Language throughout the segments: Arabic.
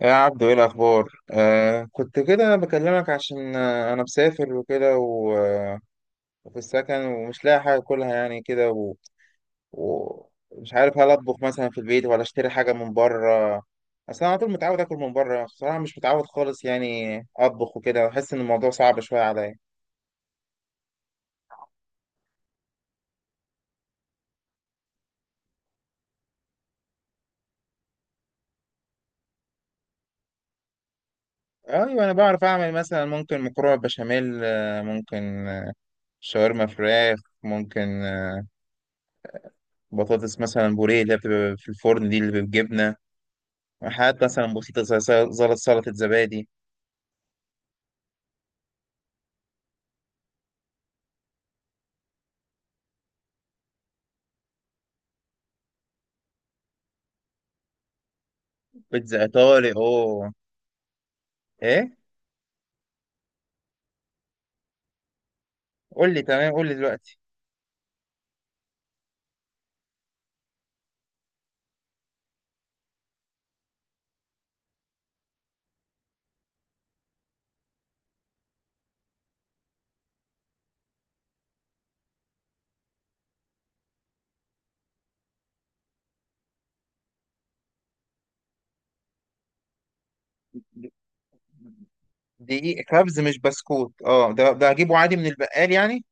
يا عبدو، ايه الاخبار؟ كنت كده، انا بكلمك عشان انا مسافر وكده، وفي السكن ومش لاقي حاجه اكلها يعني كده، ومش عارف هل اطبخ مثلا في البيت ولا اشتري حاجه من بره. اصل انا على طول متعود اكل من بره، بصراحه مش متعود خالص يعني اطبخ وكده، بحس ان الموضوع صعب شويه عليا. ايوه، انا بعرف اعمل مثلا، ممكن مكرونه بشاميل، ممكن شاورما فراخ، ممكن بطاطس مثلا بوريه اللي بتبقى في الفرن دي، اللي بالجبنه. حاجات مثلا بسيطة، زي زي سلطة زبادي. بيتزا إيطالي! أوه، إيه؟ قول لي، تمام، قول لي دلوقتي. دقيق كبز مش بسكوت؟ أه، ده هجيبه عادي من البقال يعني.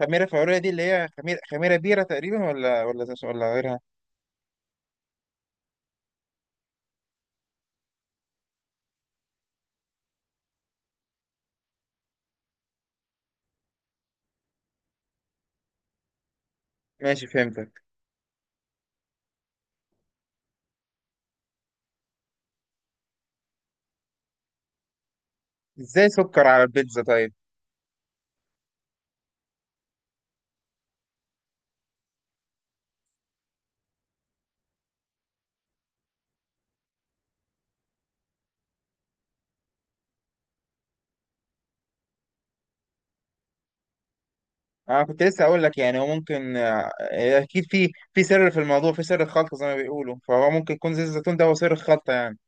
خميرة فورية دي اللي هي خميرة بيرة تقريبا، ولا غيرها؟ ماشي، فهمتك. إزاي سكر على البيتزا؟ طيب. أنا كنت لسه أقول لك يعني، هو ممكن، أكيد في سر في الموضوع، في سر الخلطة زي ما بيقولوا، فهو ممكن يكون زيت الزيتون ده هو سر الخلطة يعني.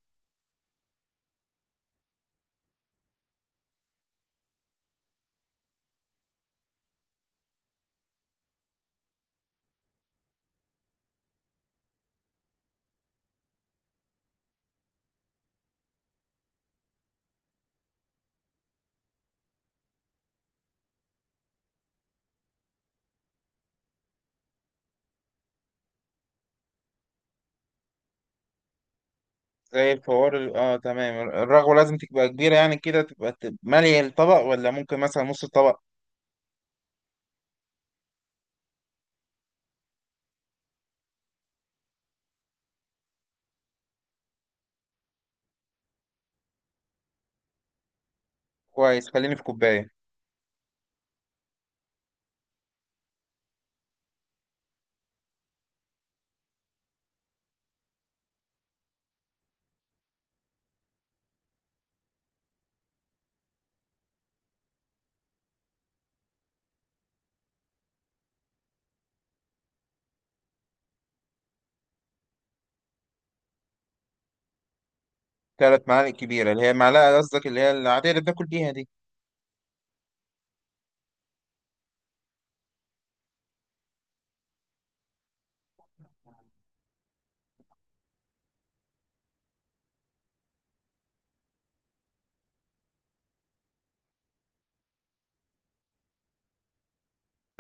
زي الفوار، اه، تمام. الرغوة لازم تبقى كبيرة يعني كده، تبقى مالية الطبق، ولا ممكن مثلا نص الطبق؟ كويس، خليني في كوباية. 3 معالق كبيرة اللي هي معلقة، قصدك اللي هي العادية اللي بناكل بيها دي؟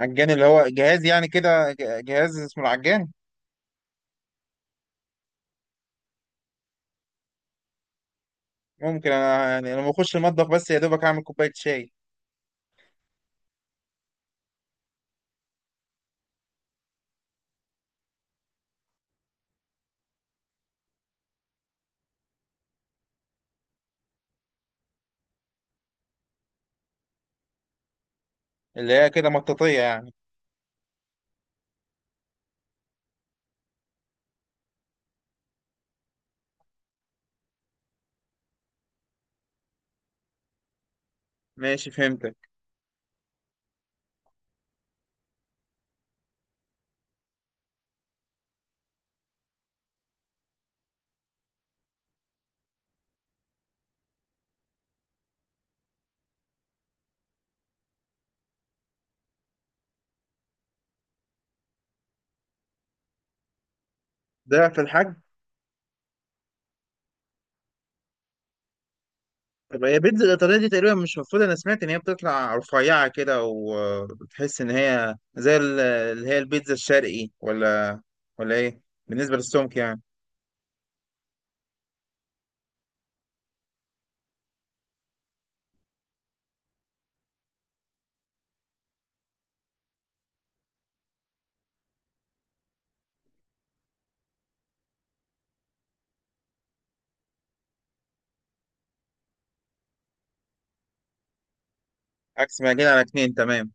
عجان اللي هو جهاز، يعني كده جهاز اسمه العجان؟ ممكن انا يعني لما اخش المطبخ بس يا دوبك اعمل كوباية شاي. اللي هي كده مطاطية يعني؟ ماشي، فهمتك. ده في الحجم؟ طب هي بيتزا الإيطالية دي تقريبا، مش المفروض؟ أنا سمعت إن هي بتطلع رفيعة كده، وبتحس إن هي زي اللي هي البيتزا الشرقي، ولا إيه؟ بالنسبة للسمك يعني؟ عكس ما جينا على اتنين، تمام.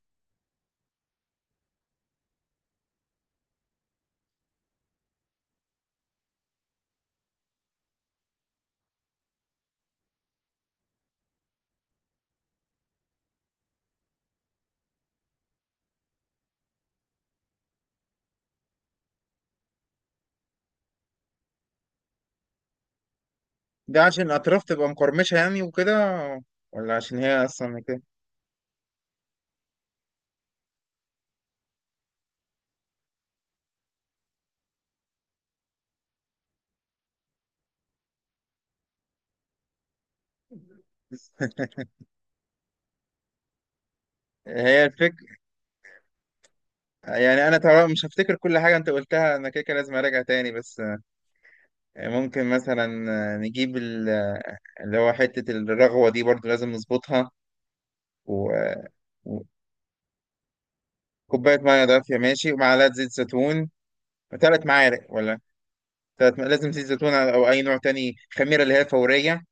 ده عشان الأطراف تبقى مقرمشة يعني وكده؟ ولا عشان هي أصلا كده؟ هي الفكرة، يعني أنا طبعا مش هفتكر كل حاجة أنت قلتها، أنا كده كده لازم أراجع تاني، بس ممكن مثلا نجيب اللي هو حتة الرغوة دي برضو لازم نظبطها. كوبايه ميه دافيه، ماشي، ومعلقه زيت زيتون. 3 معالق ولا؟ 3، لازم زيت زيتون او اي نوع تاني، خميره اللي هي فوريه.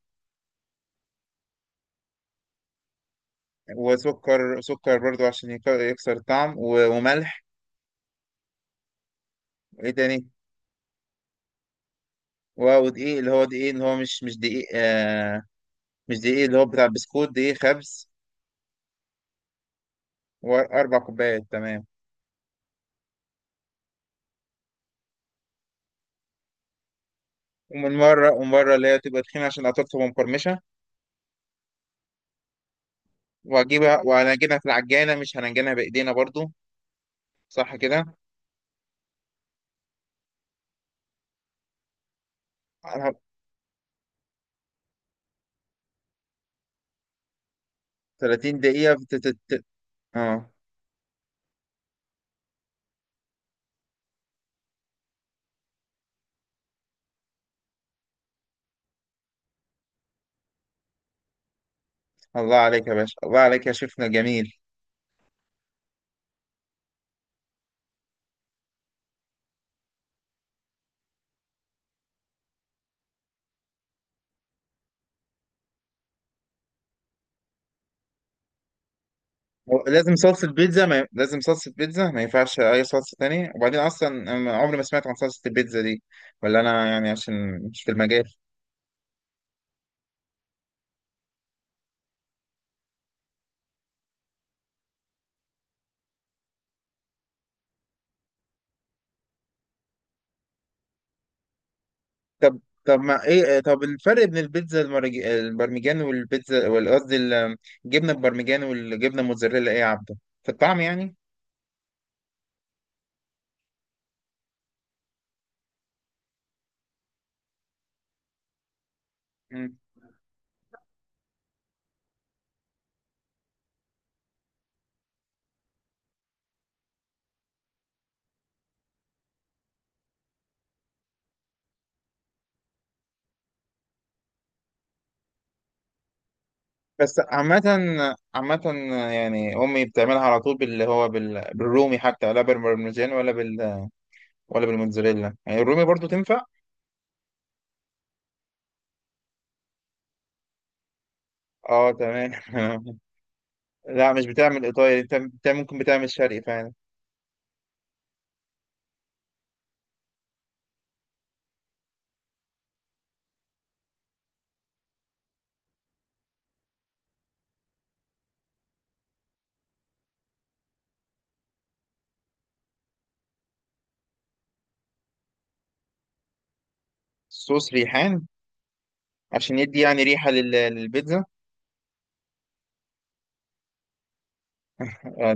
وسكر، سكر برضو عشان يكسر الطعم، وملح. وايه تاني؟ ودقيق، اللي هو دقيق، اللي هو مش دقيق، مش دقيق اللي هو بتاع البسكوت، دقيق خبز. و4 كوبايات، تمام. ومن مره ومن مره اللي هي تبقى تخينه عشان قطعتها تبقى مقرمشه. وهجيبها وهنعجنها في العجانه، مش هنعجنها بايدينا برضو، صح كده؟ 30 دقيقه اه. الله عليك يا باشا، الله عليك يا شيفنا جميل! لازم صلصة بيتزا، ما ينفعش أي صلصة تانية؟ وبعدين أصلا أنا عمري ما سمعت عن صلصة البيتزا دي، ولا أنا يعني عشان مش في المجال؟ طب طب ما إيه طب الفرق بين البيتزا البرمجان قصدي الجبنة البرمجان والجبنة الموتزاريلا، إيه يا عبده؟ في الطعم يعني؟ مم. بس، عامة، عامة يعني أمي بتعملها على طول بالرومي، حتى لا بالبرمجان ولا ولا بالموتزاريلا، يعني الرومي برضو تنفع؟ اه، تمام. لا، مش بتعمل ايطالي، انت ممكن بتعمل شرقي فعلا. صوص ريحان؟ عشان يدي يعني ريحة للبيتزا؟ آه،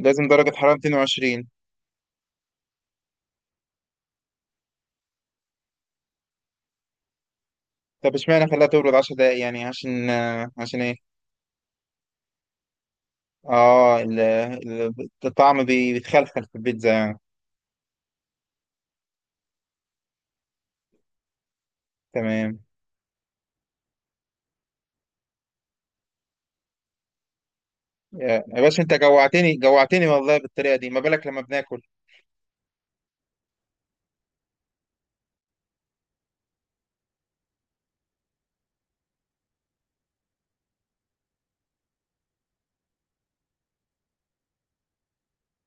لازم درجة حرارة 220؟ طب، اشمعنى خلاها تبرد 10 دقايق؟ يعني عشان، عشان ايه؟ اه، الطعم بيتخلخل في البيتزا يعني؟ تمام. يا باشا، انت جوعتني، جوعتني والله، بالطريقة دي ما بالك لما بناكل!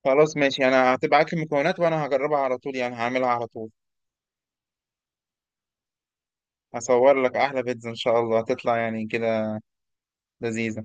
خلاص، ماشي، انا هتبعت لي المكونات، وانا هجربها على طول، يعني هعملها على طول. هصور لك احلى بيتزا ان شاء الله، هتطلع يعني كده لذيذة.